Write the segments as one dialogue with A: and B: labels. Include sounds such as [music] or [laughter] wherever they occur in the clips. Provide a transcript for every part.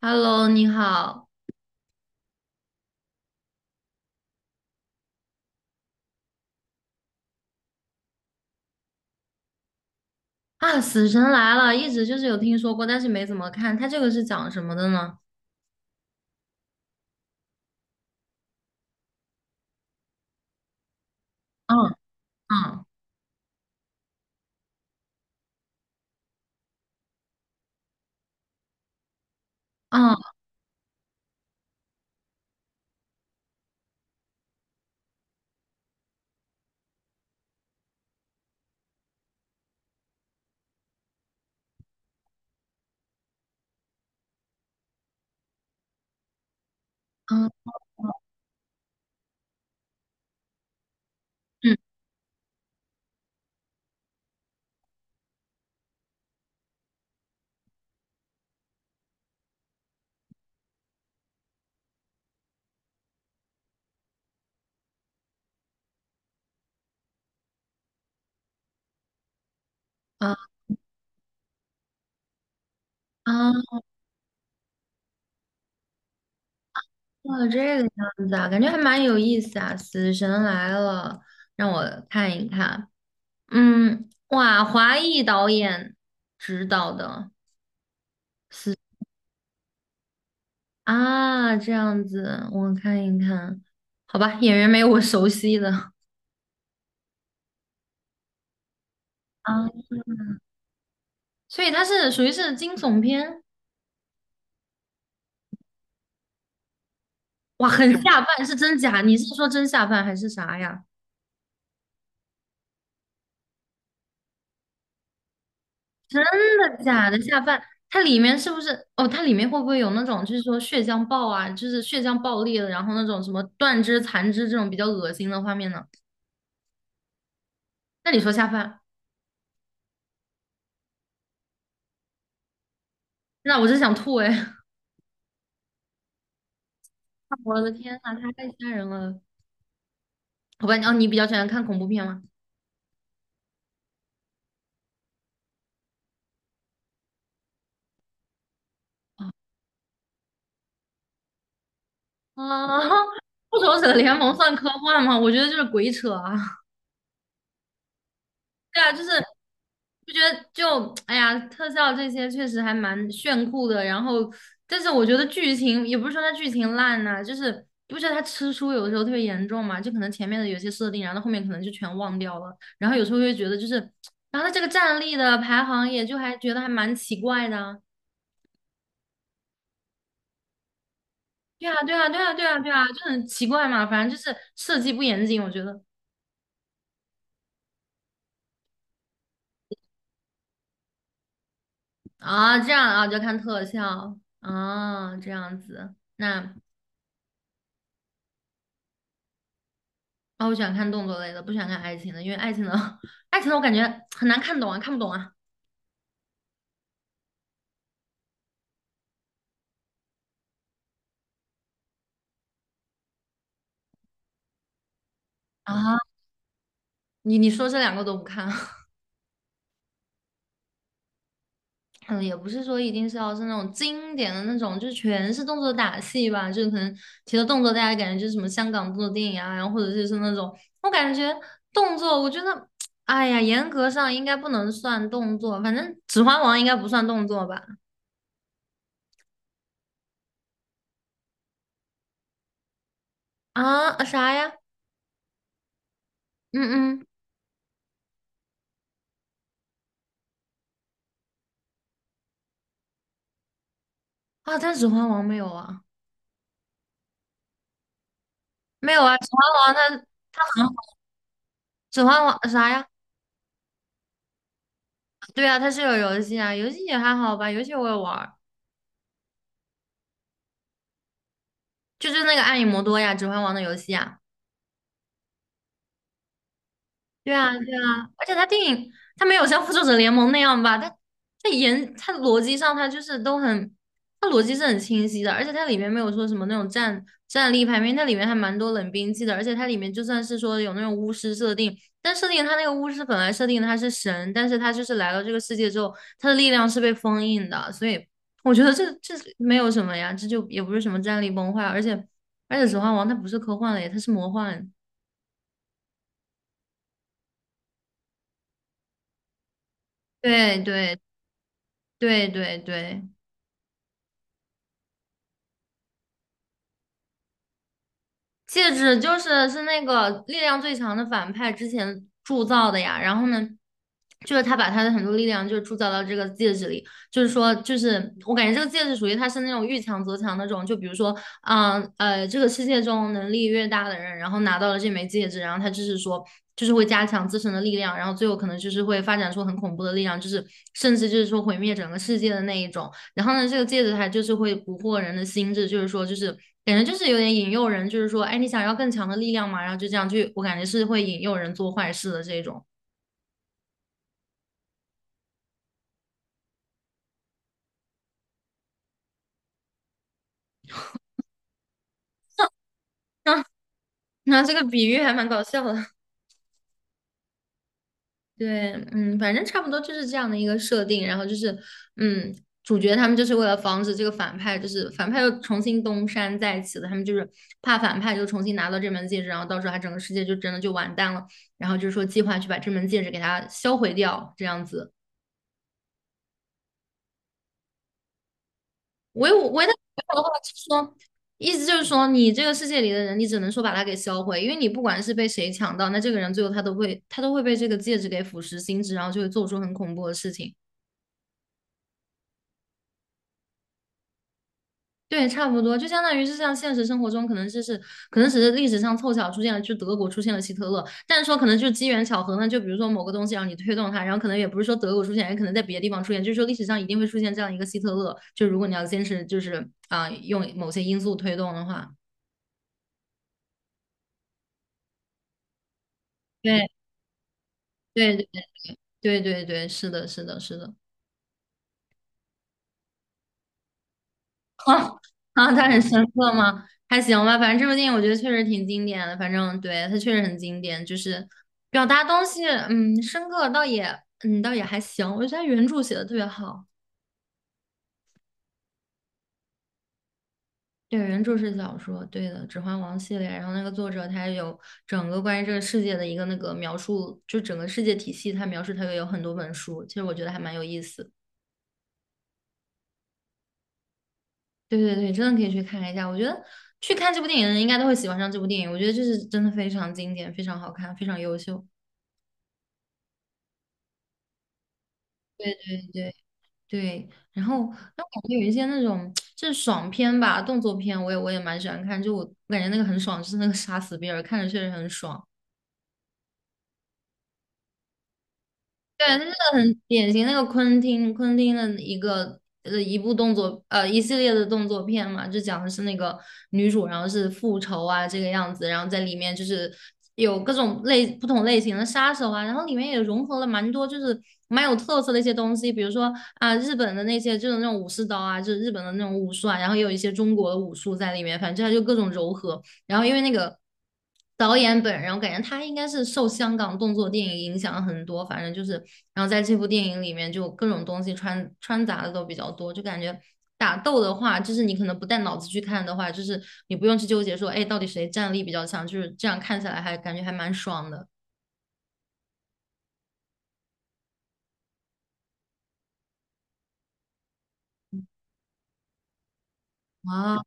A: Hello,你好。啊！死神来了，一直就是有听说过，但是没怎么看。它这个是讲什么的呢？嗯。嗯。嗯。嗯。嗯啊。啊！哦，这个样子啊，感觉还蛮有意思啊！死神来了，让我看一看。嗯，哇，华裔导演指导的死。啊，这样子，我看一看。好吧，演员没有我熟悉的。啊，所以它是属于是惊悚片。哇，很下饭，是真假？你是说真下饭还是啥呀？真的假的下饭？它里面是不是？哦，它里面会不会有那种，就是说血浆爆啊，就是血浆爆裂了，然后那种什么断肢残肢这种比较恶心的画面呢？那你说下饭，那我真想吐哎！[laughs] 我的天呐，太吓人了！好吧，哦，你比较喜欢看恐怖片吗？啊，[laughs] 复仇者联盟算科幻吗？我觉得就是鬼扯啊！对啊，就是就觉得 [tsk] 哎呀，特效这些确实还蛮炫酷的。然后，但是我觉得剧情也不是说它剧情烂呐、就是你不觉得它吃书有的时候特别严重嘛？就可能前面的有些设定，然后后面可能就全忘掉了。然后有时候会觉得就是，[tsk] 然后它这个战力的排行也就还觉得还蛮奇怪的啊。对啊，对啊，对啊，对啊，对啊，就很奇怪嘛。反正就是设计不严谨，我觉得啊，这样啊，就看特效啊，这样子那。啊，我喜欢看动作类的，不喜欢看爱情的，因为爱情的 [laughs] 爱情的我感觉很难看懂啊，看不懂啊。啊，你说这两个都不看，[laughs] 嗯，也不是说一定是要是那种经典的那种，就是全是动作打戏吧，就是可能提到动作，大家感觉就是什么香港动作电影啊，然后或者就是那种，我感觉动作，我觉得，哎呀，严格上应该不能算动作，反正《指环王》应该不算动作吧？啊，啊啥呀？嗯嗯，啊，但《指环王》没有啊，没有啊，《指环王》它它很好，《指环王》啥呀？对啊，它是有游戏啊，游戏也还好吧，游戏我也玩儿，就是那个《暗影魔多》呀，《指环王》的游戏啊。对啊，对啊，而且他电影他没有像《复仇者联盟》那样吧，他演他逻辑上他就是都很，他逻辑是很清晰的，而且它里面没有说什么那种战力排名，它里面还蛮多冷兵器的，而且它里面就算是说有那种巫师设定，但设定他那个巫师本来设定他是神，但是他就是来到这个世界之后，他的力量是被封印的，所以我觉得这没有什么呀，这就也不是什么战力崩坏，而且《指环王》它不是科幻类，它是魔幻，对对对对对。戒指就是是那个力量最强的反派之前铸造的呀，然后呢，就是他把他的很多力量就铸造到这个戒指里，就是说，就是我感觉这个戒指属于他是那种遇强则强那种，就比如说，这个世界中能力越大的人，然后拿到了这枚戒指，然后他就是说，就是会加强自身的力量，然后最后可能就是会发展出很恐怖的力量，就是甚至就是说毁灭整个世界的那一种。然后呢，这个戒指它就是会蛊惑人的心智，就是说，就是感觉就是有点引诱人，就是说，哎，你想要更强的力量嘛，然后就这样去，我感觉是会引诱人做坏事的这种。那、啊 [laughs] 那这个比喻还蛮搞笑的，对，嗯，反正差不多就是这样的一个设定。然后就是，嗯，主角他们就是为了防止这个反派，就是反派又重新东山再起了，他们就是怕反派就重新拿到这门戒指，然后到时候他整个世界就真的就完蛋了。然后就是说计划去把这门戒指给它销毁掉，这样子。唯我唯他不用的话，就是说，意思就是说，你这个世界里的人，你只能说把他给销毁，因为你不管是被谁抢到，那这个人最后他都会被这个戒指给腐蚀心智，然后就会做出很恐怖的事情。对，差不多，就相当于是像现实生活中，可能只是历史上凑巧出现了，就德国出现了希特勒，但是说可能就是机缘巧合呢，就比如说某个东西让你推动它，然后可能也不是说德国出现，也可能在别的地方出现，就是说历史上一定会出现这样一个希特勒，就如果你要坚持就是啊、用某些因素推动的话，对。对对对对，是的，是的，是的。[laughs] 啊。啊，它很深刻吗？还行吧，反正这部电影我觉得确实挺经典的。反正对它确实很经典，就是表达东西，嗯，深刻倒也，嗯，倒也还行。我觉得它原著写的特别好。对，原著是小说，对的，《指环王》系列。然后那个作者他有整个关于这个世界的一个那个描述，就整个世界体系，他描述他也有很多本书。其实我觉得还蛮有意思的。对对对，真的可以去看一下。我觉得去看这部电影的人应该都会喜欢上这部电影。我觉得这是真的非常经典，非常好看，非常优秀。对对，对，然后那我感觉有一些那种就是爽片吧，动作片，我也蛮喜欢看。就我感觉那个很爽，就是那个杀死比尔，看着确实很爽。对，它是个很典型，那个昆汀的一个一部动作一系列的动作片嘛，就讲的是那个女主，然后是复仇啊这个样子，然后在里面就是有各种类不同类型的杀手啊，然后里面也融合了蛮多就是蛮有特色的一些东西，比如说啊日本的那些就是那种武士刀啊，就是日本的那种武术啊，然后也有一些中国的武术在里面，反正它就各种柔合。然后因为那个导演本人，我感觉他应该是受香港动作电影影响很多，反正就是，然后在这部电影里面就各种东西穿杂的都比较多，就感觉打斗的话，就是你可能不带脑子去看的话，就是你不用去纠结说，哎，到底谁战力比较强，就是这样看起来还感觉还蛮爽的。啊，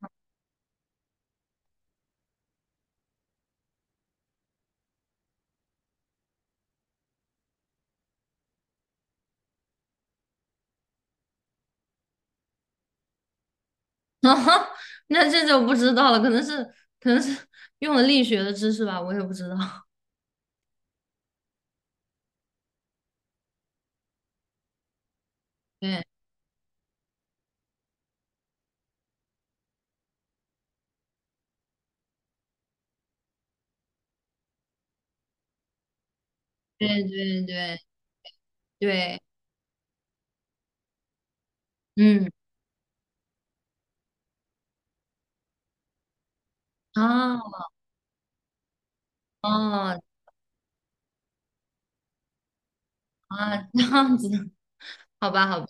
A: [laughs] 那这就不知道了，可能是用了力学的知识吧，我也不知道。[laughs] 对对对对对，嗯，啊。哦，哦啊，这样子，好吧，好吧。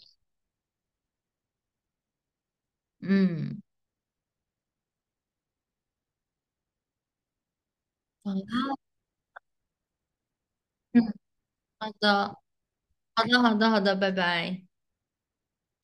A: 嗯，好的，好的，好的，好的，好的，拜拜。